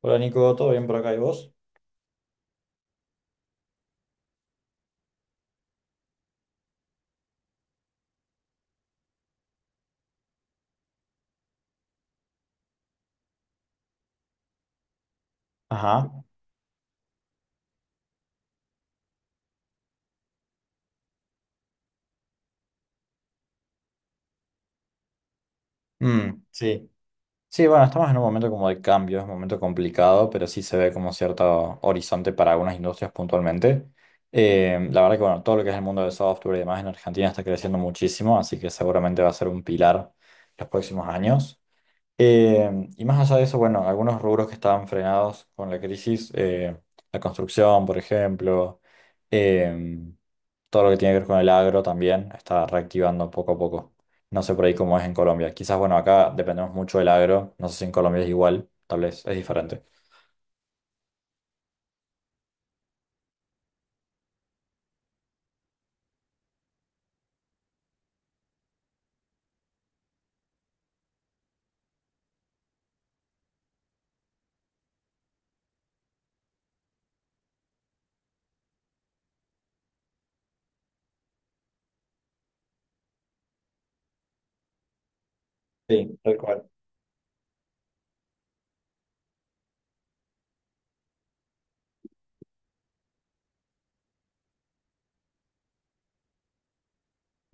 Hola Nico, ¿todo bien por acá y vos? Ajá. Mm, sí. Sí, bueno, estamos en un momento como de cambio, es un momento complicado, pero sí se ve como cierto horizonte para algunas industrias puntualmente. La verdad que, bueno, todo lo que es el mundo del software y demás en Argentina está creciendo muchísimo, así que seguramente va a ser un pilar los próximos años. Eh, y más allá de eso, bueno, algunos rubros que estaban frenados con la crisis, la construcción, por ejemplo, em, todo lo que tiene que ver con el agro también está reactivando poco a poco. No sé por ahí cómo es en Colombia. Quizás, bueno, acá dependemos mucho del agro. No sé si en Colombia es igual, tal vez es diferente. Sí, tal cual.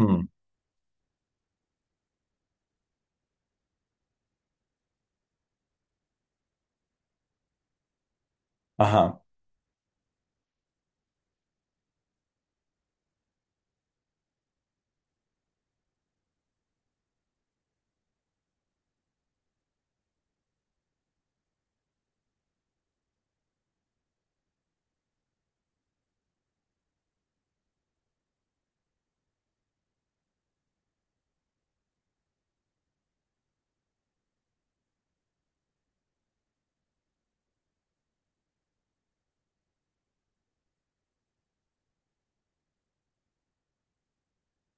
Mm, ajá.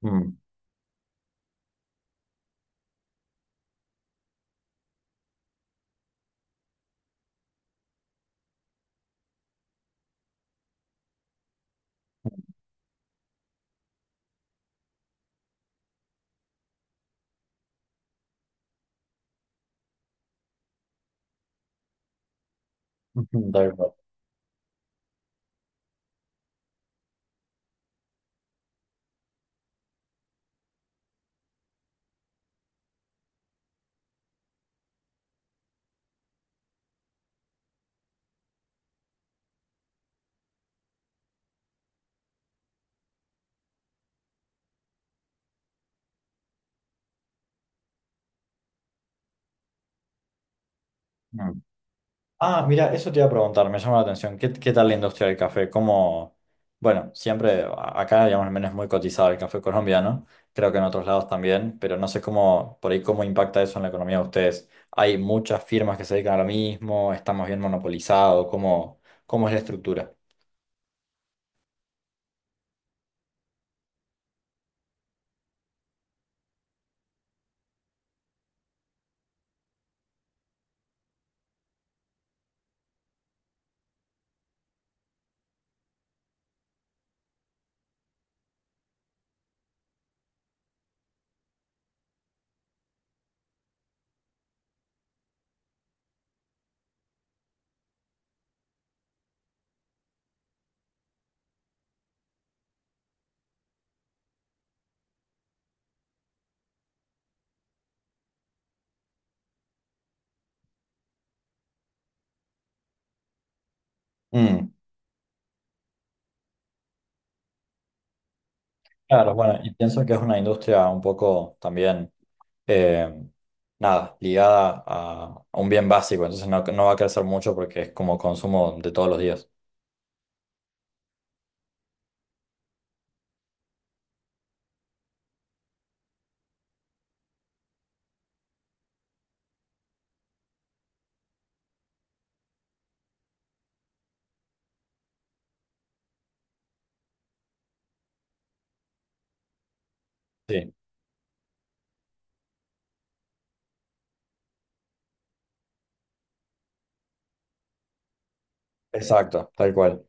Mm, ujú, tal cual. Mm. Ah, mira, eso te iba a preguntar, me llama la atención. ¿Qué tal la industria del café? ¿Cómo? Bueno, siempre acá, digamos, al menos es muy cotizado el café colombiano, creo que en otros lados también, pero no sé cómo, por ahí, cómo impacta eso en la economía de ustedes. ¿Hay muchas firmas que se dedican a lo mismo? ¿Estamos bien monopolizados? ¿Cómo es la estructura? Mm, claro, bueno, y pienso que es una industria un poco también, eh, nada, ligada a un bien básico, entonces no, no va a crecer mucho porque es como consumo de todos los días. Sí. Exacto, tal cual.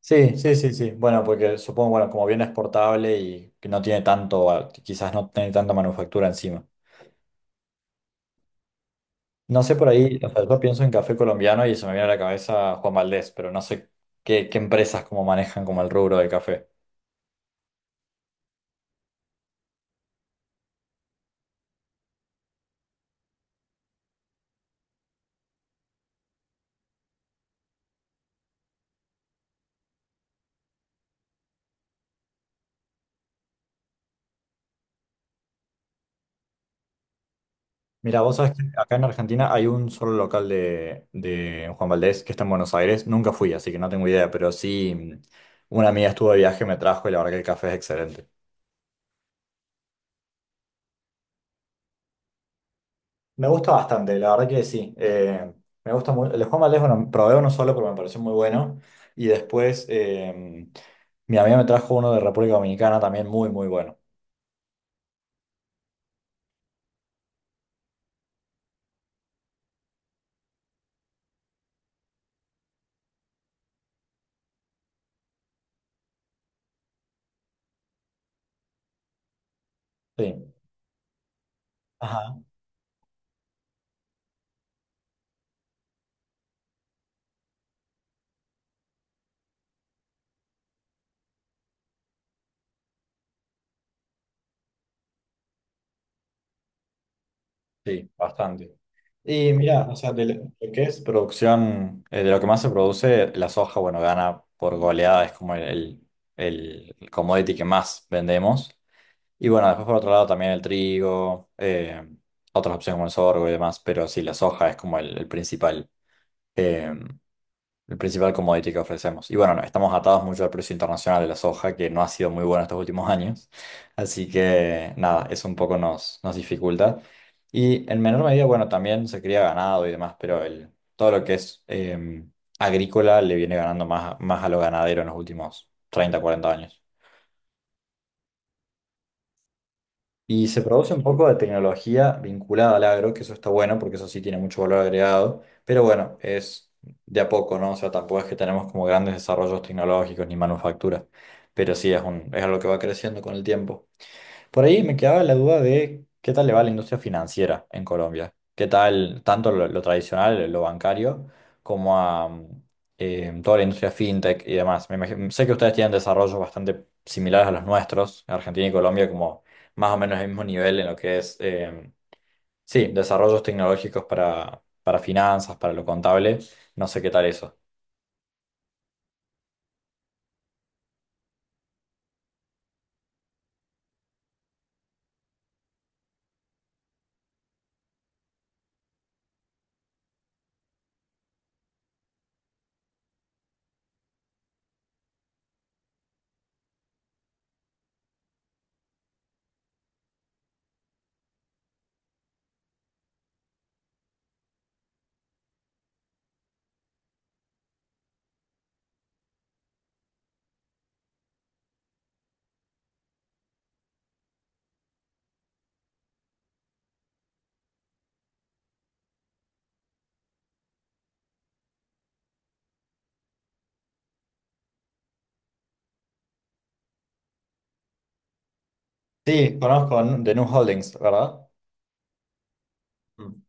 Sí, sí, sí, sí. Bueno, porque supongo, bueno, como bien exportable y que no tiene tanto, ah, quizás no tiene tanta manufactura encima. No sé por ahí, o sea, yo pienso en café colombiano y se me viene a la cabeza Juan Valdés, pero no sé qué empresas como manejan como el rubro del café. Mira, vos sabés que acá en Argentina hay un solo local de Juan Valdés que está en Buenos Aires. Nunca fui, así que no tengo idea, pero sí, mm, una amiga estuvo de viaje, me trajo y la verdad que el café es excelente. Me gusta bastante, la verdad que sí. Me gusta muy, el de Juan Valdez, bueno, probé uno solo, pero me pareció muy bueno. Y después mi amiga me trajo uno de República Dominicana también muy, muy bueno. Sí. Ajá. Sí, bastante. Y mira, o sea, de lo que es producción, de lo que más se produce, la soja, bueno, gana por goleada, es como el commodity que más vendemos. Y bueno, después por otro lado también el trigo, otras opciones como el sorgo y demás, pero sí, la soja es como el principal. eh, el principal commodity que ofrecemos. Y bueno, no, estamos atados mucho al precio internacional de la soja, que no ha sido muy bueno estos últimos años. Así que nada, eso un poco nos dificulta. Y en menor medida, bueno, también se cría ganado y demás, pero todo lo que es agrícola le viene ganando más, más a lo ganadero en los últimos 30 40 años. Y se produce un poco de tecnología vinculada al agro, que eso está bueno porque eso sí tiene mucho valor agregado, pero bueno, es de a poco, ¿no? O sea, tampoco es que tenemos como grandes desarrollos tecnológicos ni manufacturas, pero sí es algo que va creciendo con el tiempo. Por ahí me quedaba la duda de qué tal le va a la industria financiera en Colombia. ¿Qué tal tanto lo tradicional, lo bancario, como a toda la industria fintech y demás? Sé que ustedes tienen desarrollos bastante similares a los nuestros, Argentina y Colombia, como más o menos el mismo nivel en lo que es, sí, desarrollos tecnológicos para finanzas, para lo contable. No sé qué tal eso. Sí, conozco de Nu Holdings, ¿verdad? Mm.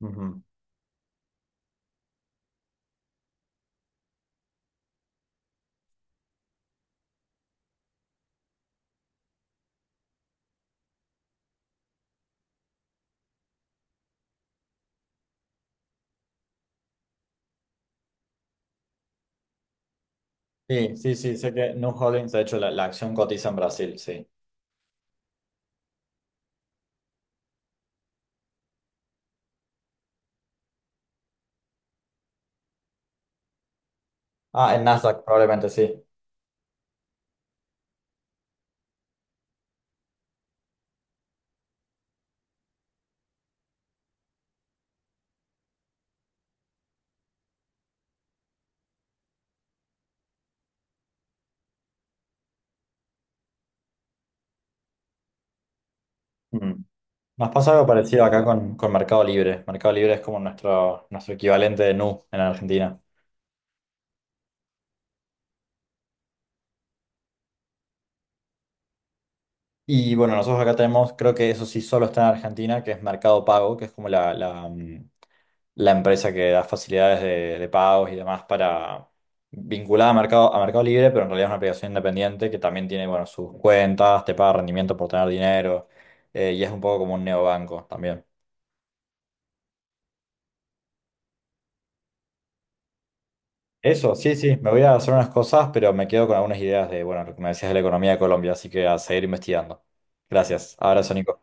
Ujú. Sí, sí, sí, sé que New Holdings, de hecho, la acción cotiza en Brasil, sí. Ah, en Nasdaq, probablemente, sí. Mm. Nos pasa algo parecido acá con Mercado Libre. Mercado Libre es como nuestro equivalente de Nu en Argentina. Y bueno, nosotros acá tenemos, creo que eso sí solo está en Argentina, que es Mercado Pago, que es como la empresa que da facilidades de pagos y demás para vinculada a Mercado Libre, pero en realidad es una aplicación independiente que también tiene, bueno, sus cuentas, te paga rendimiento por tener dinero, y es un poco como un neobanco también. Eso, sí, sí, me voy a hacer unas cosas, pero me quedo con algunas ideas de, bueno, lo que me decías de la economía de Colombia, así que a seguir investigando. Gracias. Abrazo, Nico.